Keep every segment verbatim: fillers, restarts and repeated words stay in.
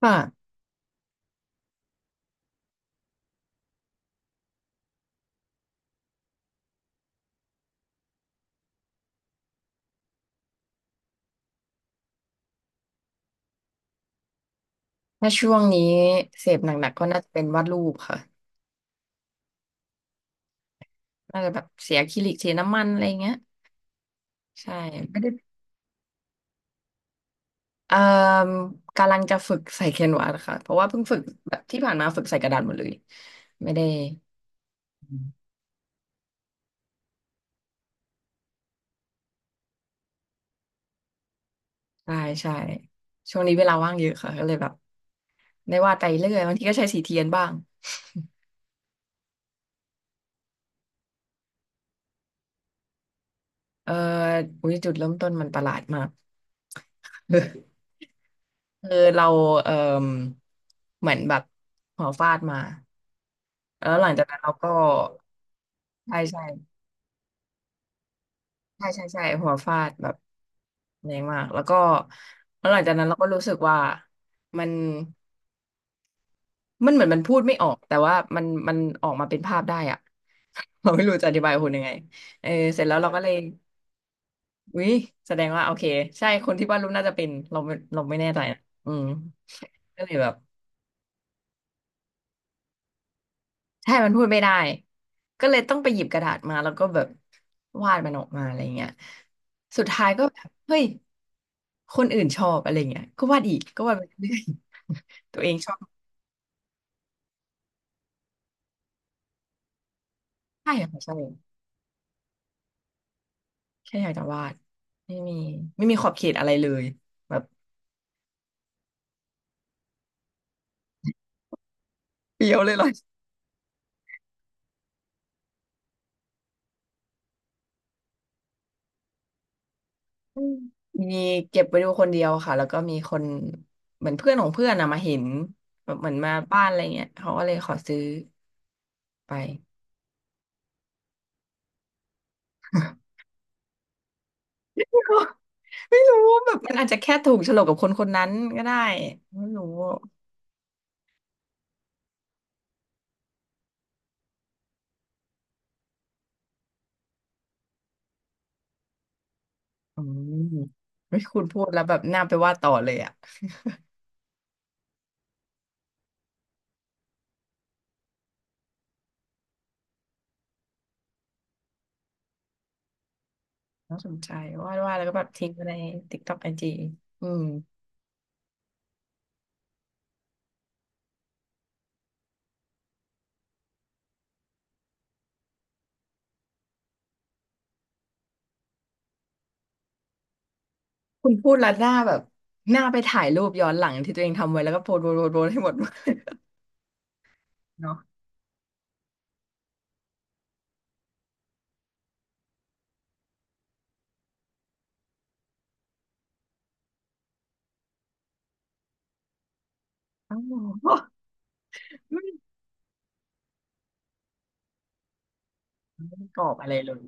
ค่ะถ้าช่วงนี้เสพหนักๆก็น่าจะเป็นวาดรูปค่ะน่าจะแบบเสียอะคริลิกเทน้ำมันอะไรเงี้ยใช่ไม่ได้เอ่มกำลังจะฝึกใส่แคนวาสค่ะเพราะว่าเพิ่งฝึกแบบที่ผ่านมาฝึกใส่กระดาษหมดเลยไม่ได้อืมใช่ใช่ช่วงนี้เวลาว่างเยอะค่ะก็เลยแบบได้วาดไปเรื่อยบางทีก็ใช้สีเทียนบ้าง เอ่ออุยจุดเริ่มต้นมันประหลาดมาก คือเราเอ่มเหมือนแบบหัวฟาดมาแล้วหลังจากนั้นเราก็ ใช่ใช่ใช่ใช่ใช่หัวฟาดแบบแรงมากแล้วก็แล้วหลังจากนั้นเราก็รู้สึกว่ามันมันเหมือนมันพูดไม่ออกแต่ว่ามันมันออกมาเป็นภาพได้อะ เราไม่รู้จะอธิบายคุณยังไงเออเสร็จแล้วเราก็เลยวิแสดงว่าโอเคใช่คนที่วาดรูปน่าจะเป็นเราไม่เราไม่แน่ใจนะอืมก็เลยแบบใช่มันพูดไม่ได้ก็เลยต้องไปหยิบกระดาษมาแล้วก็แบบวาดมันออกมาอะไรเงี้ยสุดท้ายก็แบบเฮ้ย คนอื่นชอบอะไรเงี้ยก็วาดอีกก็วาดไปเรื่อย ๆตัวเองชอบใช่ค่ะใช่แค่อยากจะวาดไม่มีไม่มีขอบเขตอะไรเลยแบบเปรียวเลยเหรออืมมีเก็บไว้ดูคนเดียวค่ะแล้วก็มีคนเหมือนเพื่อนของเพื่อนอะมาเห็นแบบเหมือนมาบ้านอะไรเงี้ยเขาก็เลยขอซื้อไป ก็ไม่รู้แบบมันอาจจะแค่ถูกโฉลกกับคนคนนั้นก็ได้ไม่รู้อืมไม่คุณพูดแล้วแบบน่าไปวาดต่อเลยอะ น่าสนใจวาดวาดแล้วก็แบบทิ้งไว้ในติ๊กต็อกไอจีอืมคุณพูดแล้วหน้าแบบหน้าไปถ่ายรูปย้อนหลังที่ตัวเองทำไว้แล้วก็โพสต์โพสต์โพสต์โพสต์ให้หมด เนาะอ้าวไม่ไม่ได้กรอบอะไรเลย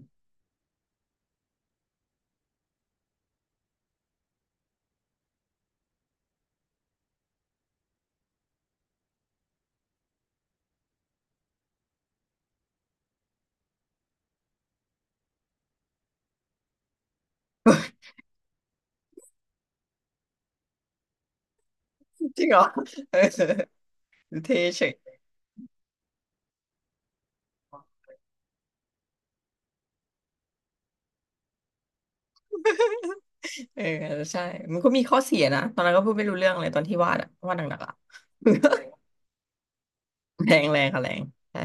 จริงเหรอ เออเทเฉยเออใช่มันก็มีข้อเสียนะตอนนั้นก็พูดไม่รู้เรื่องเลยตอนที่วาดอะวาดหนักๆอะ แรงแรงค่ะแรงใช่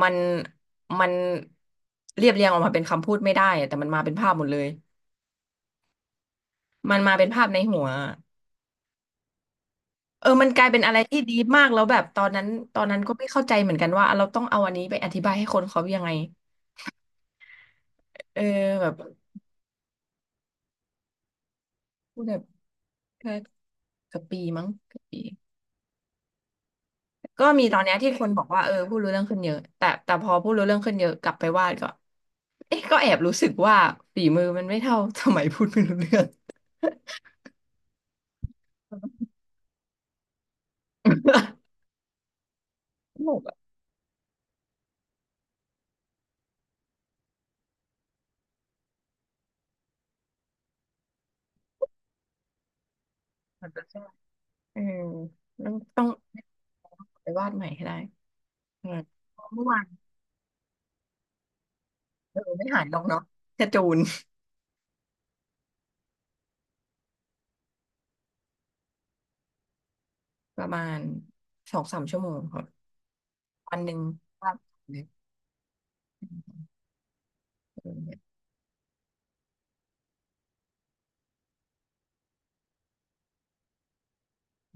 มันมันเรียบเรียงออกมาเป็นคำพูดไม่ได้อะแต่มันมาเป็นภาพหมดเลยมันมาเป็นภาพในหัว เออมันกลายเป็นอะไรที่ดีมากแล้วแบบตอนนั้นตอนนั้นก็ไม่เข้าใจเหมือนกันว่าเราต้องเอาอันนี้ไปอธิบายให้คนเขายังไงเออแบบพูดแบบแค่เกับปีมั้งเกับปีก็มีตอนเนี้ยที่คนบอกว่าเออพูดรู้เรื่องขึ้นเยอะแต่แต่พอพูดรู้เรื่องขึ้นเยอะกลับไปวาดก็เอ๊ะก็แอบรู้สึกว่าฝีมือมันไม่เท่า สมัยพูดไม่รู้เรื่อง สนุกอ่ะมันจะ ใช่เออต้องต้องไปวาดใหม่ให้ได้เออเมื่อวานเออไม่หายลงเนาะกระจูน ประมาณสองสามชั่วโมงค่ะวันหนึ่ง ว่า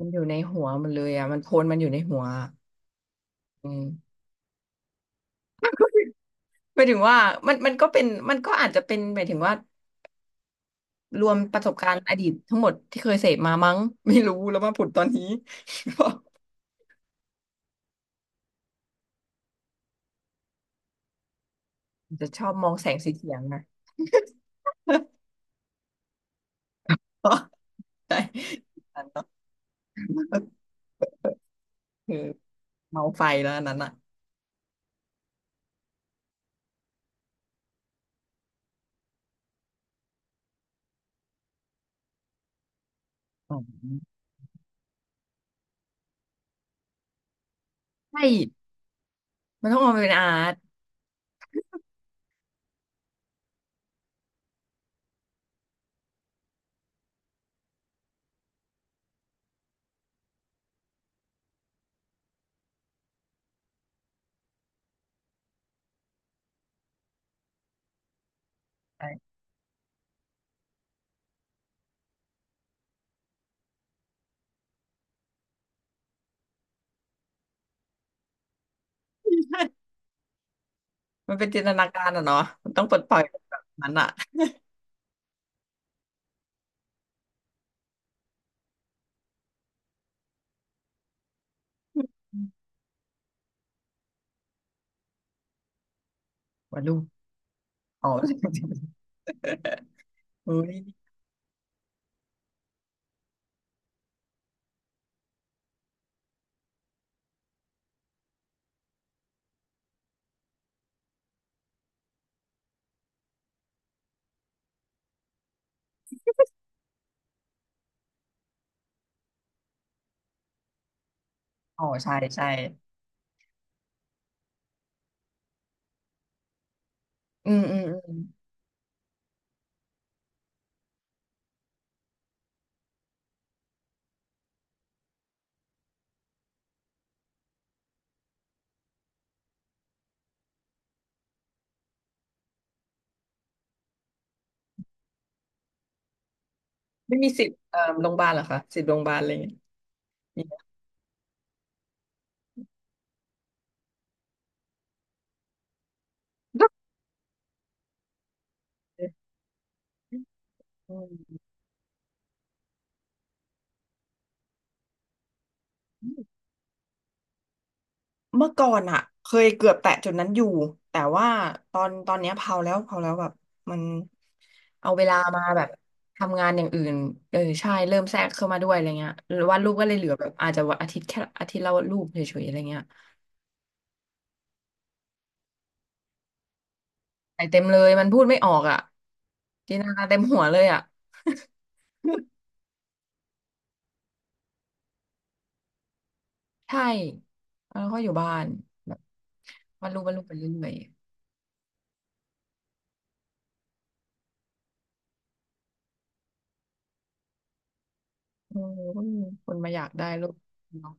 มันอยู่ในหัวมันเลยอ่ะมันโพลมันอยู่ในหัวอะอืม หมายถึงว่ามันมันก็เป็นมันก็อาจจะเป็นหมายถึงว่ารวมประสบการณ์อดีตทั้งหมดที่เคยเสพมามั้งไม่รู้แล้วมาผุดตอนนี้ ก็จะชอบมองแสงสีเสียงนะ ใช่ อันนั้นก็คือเมาไฟแล้วอันนั้นอ่ะอ๋อใช่มันต้องมองเป็นอาร์ตใช่ มันเป็นจินตนาการอะเนาะมันต้องปลดปล่อยแบบนั้นอะ ว่าลูกอ๋อ เฮ้ยอ๋อใช่ใช่อืมอืมอืมไม่มีสิทธิ์เอ่อโรงพยาบาลเหรอคะสิทธิ์โรงพยาบาลอะไรอย่างเงี้ย มีไหมอืมเมื่อก่อนอะเคยเกือบแตะจุดนั้นอยู่แต่ว่าตอนตอนเนี้ยเผาแล้วเผาแล้วแบบมันเอาเวลามาแบบทำงานอย่างอื่นเออใช่เริ่มแทรกเข้ามาด้วยอะไรเงี้ยหรือว่าลูกก็เลยเหลือแบบอาจจะวันอาทิตย์แค่อาทิตย์ละรูปเฉยๆอะไรเงี้ย ใส่เต็มเลยมันพูดไม่ออกอ่ะจินตนาการเต็มหัวเลยอ่ะ ใช่แล้วก็อยู่บ้านแบบวาดรูปวาดรูปไปเรื่อยๆโอ้ก็มีคนมาอยากได้รูปเนาะ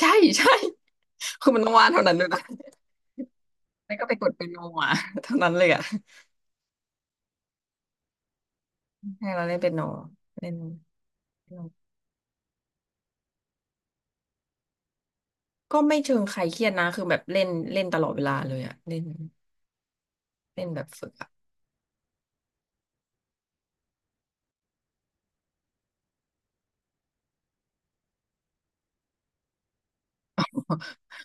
ใช่ใช่ คือมันต้องวาดเท่านั้นด้วยนะ แล้วก็ไปกดเป็นโนอ่ะ เท่านั้นเลยอ่ะใช่เราเล่นเปียโนเล่นเปียโนก็ไม่เชิงใครเครียดนะคือแบบเล่นเล่นตลอดเวลาเลยอ่ะเล่นเล่นแบบฝึกอ่ะ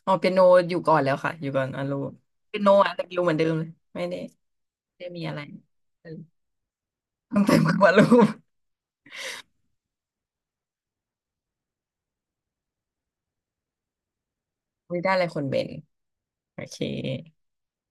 อ๋อเปียโนอยู่ก่อนแล้วค่ะอยู่ก่อนอารูเปียโนอ่ะแต่อยู่เหมือนเดิมเลยไม่ได้ ไม่มีอะไรเออต้องตมากว่ารูป ไม่ได้อะไรคนเป็นโอเค